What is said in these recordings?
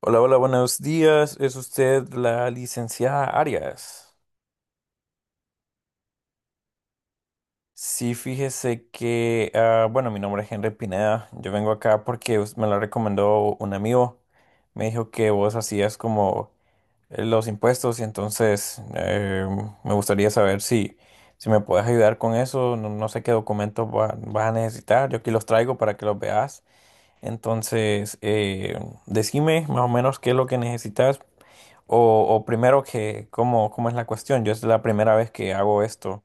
Hola, hola, buenos días. ¿Es usted la licenciada Arias? Sí, fíjese que, bueno, mi nombre es Henry Pineda. Yo vengo acá porque me la recomendó un amigo. Me dijo que vos hacías como los impuestos y entonces, me gustaría saber si me puedes ayudar con eso. No, no sé qué documentos vas a necesitar. Yo aquí los traigo para que los veas. Entonces, decime más o menos qué es lo que necesitas. O primero que, ¿cómo, cómo es la cuestión? Yo es la primera vez que hago esto.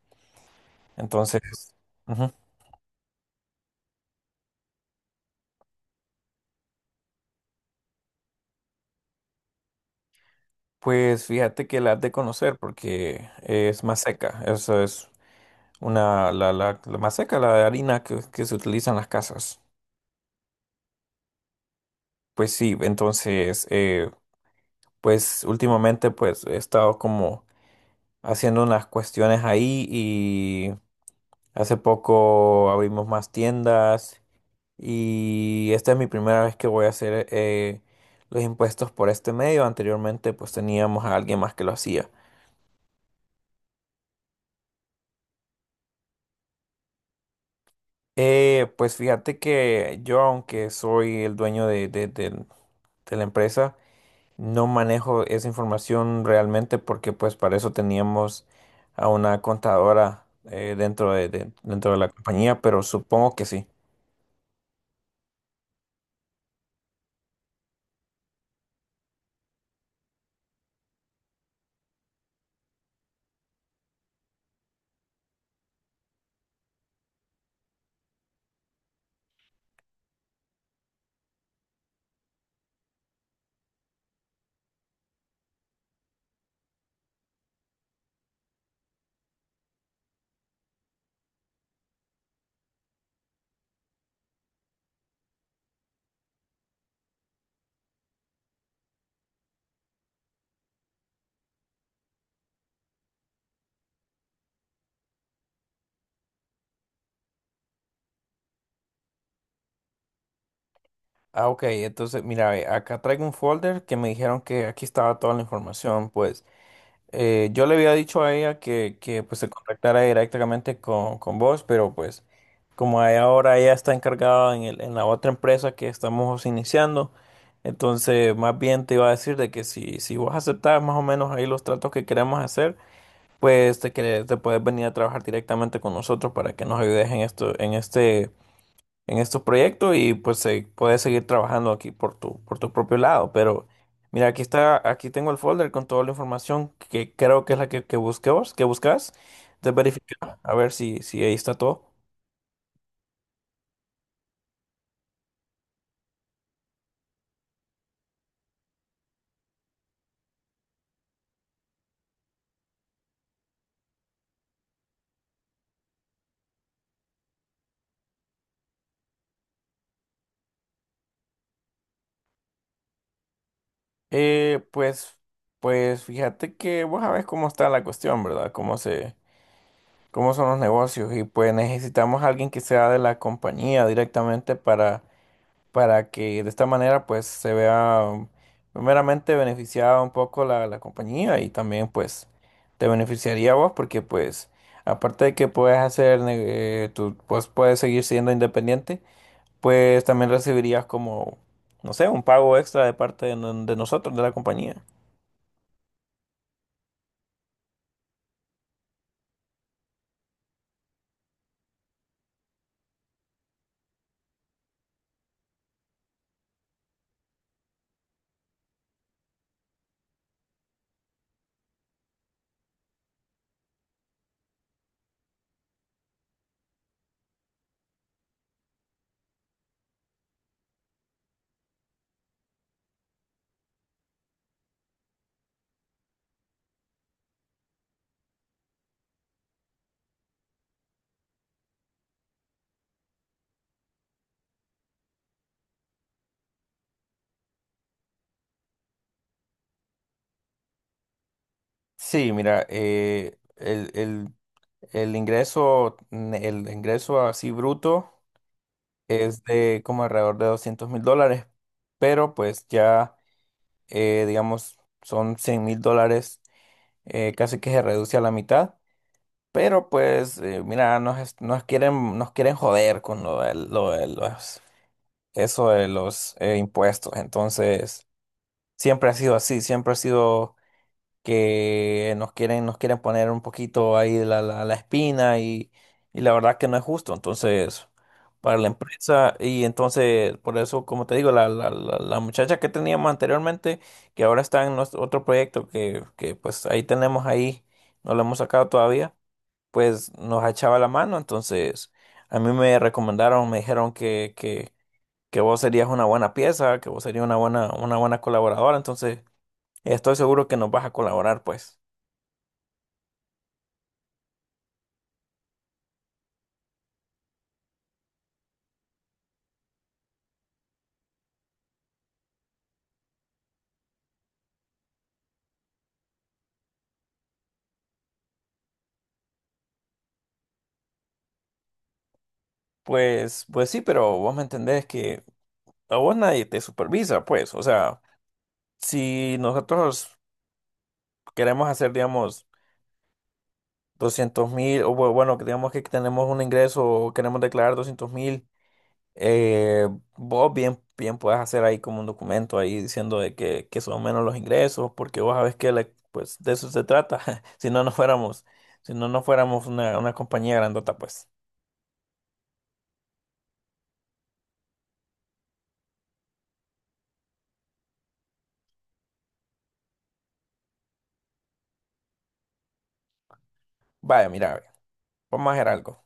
Entonces, ujú. Pues fíjate que la has de conocer porque es más seca. Eso es una, la más seca, la de harina que se utiliza en las casas. Pues sí, entonces, pues últimamente pues he estado como haciendo unas cuestiones ahí y hace poco abrimos más tiendas. Y esta es mi primera vez que voy a hacer, los impuestos por este medio. Anteriormente pues teníamos a alguien más que lo hacía. Pues fíjate que yo, aunque soy el dueño de la empresa, no manejo esa información realmente porque pues para eso teníamos a una contadora, dentro dentro de la compañía, pero supongo que sí. Ah, ok, entonces mira, ve, acá traigo un folder que me dijeron que aquí estaba toda la información, pues. Yo le había dicho a ella que pues se contactara directamente con vos, pero pues como ahora ella está encargada en en la otra empresa que estamos iniciando, entonces más bien te iba a decir de que si vos aceptás más o menos ahí los tratos que queremos hacer, pues te puedes venir a trabajar directamente con nosotros para que nos ayudes en esto, en este, en estos proyectos y pues puedes seguir trabajando aquí por tu propio lado. Pero mira, aquí está, aquí tengo el folder con toda la información que creo que es la que buscabas, que buscas. De verificar, a ver si ahí está todo. Eh, pues, pues fíjate que vos sabés cómo está la cuestión, ¿verdad? Cómo son los negocios y pues necesitamos a alguien que sea de la compañía directamente para que de esta manera pues se vea, primeramente beneficiada un poco la compañía y también pues te beneficiaría a vos porque pues aparte de que puedes hacer, tú pues, puedes seguir siendo independiente, pues también recibirías como no sé un pago extra de parte de, de nosotros de la compañía. Sí, mira, el ingreso el ingreso así bruto es de como alrededor de $200,000, pero pues ya, digamos, son $100,000, casi que se reduce a la mitad. Pero pues, mira, nos quieren joder con lo de los, eso de los, impuestos. Entonces, siempre ha sido así, siempre ha sido que nos quieren poner un poquito ahí la espina y la verdad que no es justo. Entonces, para la empresa y entonces, por eso, como te digo, la muchacha que teníamos anteriormente, que ahora está en nuestro otro proyecto que pues ahí tenemos ahí, no lo hemos sacado todavía, pues nos echaba la mano. Entonces, a mí me recomendaron, me dijeron que vos serías una buena pieza, que vos serías una buena colaboradora. Entonces, estoy seguro que nos vas a colaborar, pues. Pues sí, pero vos me entendés que a vos nadie te supervisa, pues. O sea, si nosotros queremos hacer, digamos, 200,000, bueno, que digamos que tenemos un ingreso o queremos declarar 200,000, eh, vos bien, bien puedes hacer ahí como un documento ahí diciendo de que son menos los ingresos, porque vos sabés que pues de eso se trata. Si no nos fuéramos, si no nos fuéramos una compañía grandota, pues. Vaya, mira, ve, vamos a hacer algo.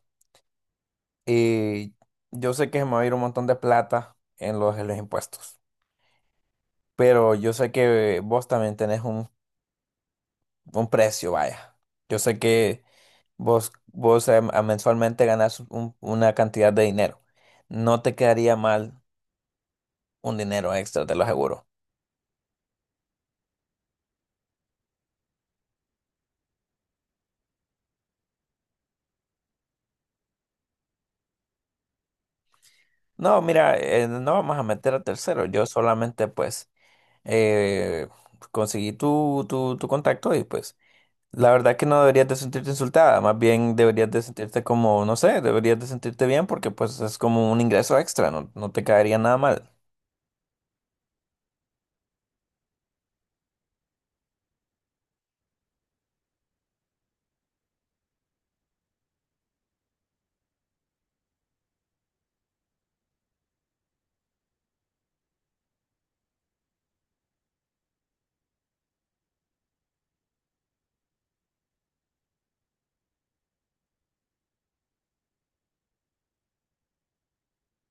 Y yo sé que se me va a ir un montón de plata en los impuestos, pero yo sé que vos también tenés un precio, vaya. Yo sé que vos, vos, mensualmente ganás una cantidad de dinero. No te quedaría mal un dinero extra, te lo aseguro. No, mira, no vamos a meter a tercero. Yo solamente pues, eh, conseguí tu contacto y pues... La verdad que no deberías de sentirte insultada, más bien deberías de sentirte como, no sé, deberías de sentirte bien porque pues es como un ingreso extra, no, no te caería nada mal.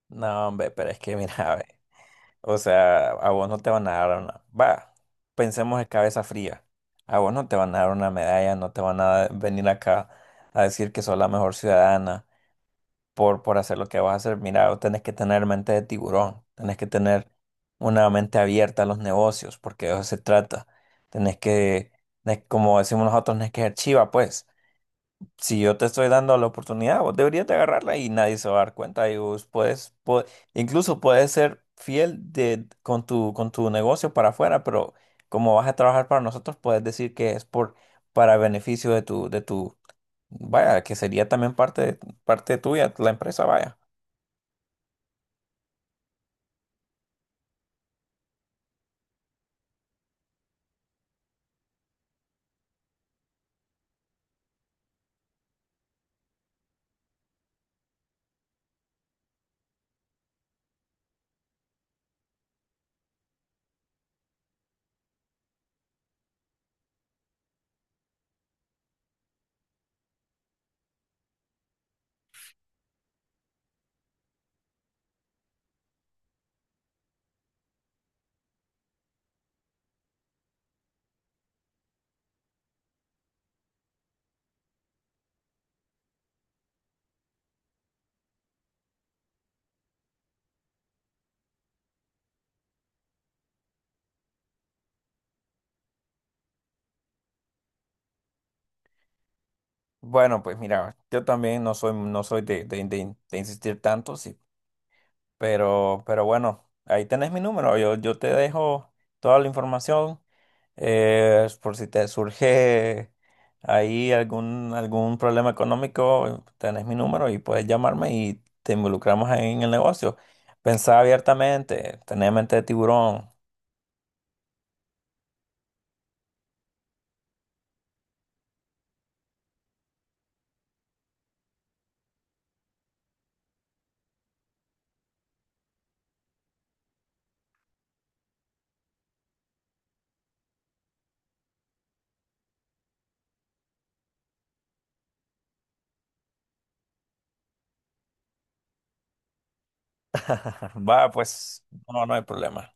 No, hombre, pero es que mira, ve, o sea, a vos no te van a dar una, va, pensemos de cabeza fría, a vos no te van a dar una medalla, no te van a venir acá a decir que sos la mejor ciudadana, por hacer lo que vas a hacer. Mira, vos tenés que tener mente de tiburón, tenés que tener una mente abierta a los negocios, porque de eso se trata. Tenés que, Como decimos nosotros, tenés que ser chiva, pues. Si yo te estoy dando la oportunidad, vos deberías de agarrarla y nadie se va a dar cuenta. Y vos puedes, incluso puedes ser fiel de, con tu negocio para afuera, pero como vas a trabajar para nosotros, puedes decir que es por, para beneficio de tu, vaya, que sería también parte, parte tuya, la empresa, vaya. Bueno, pues mira, yo también no soy, no soy de insistir tanto, sí, pero bueno, ahí tenés mi número, yo te dejo toda la información, por si te surge ahí algún, algún problema económico, tenés mi número y puedes llamarme y te involucramos ahí en el negocio. Pensá abiertamente, tenés mente de tiburón. Va, pues no, no hay problema.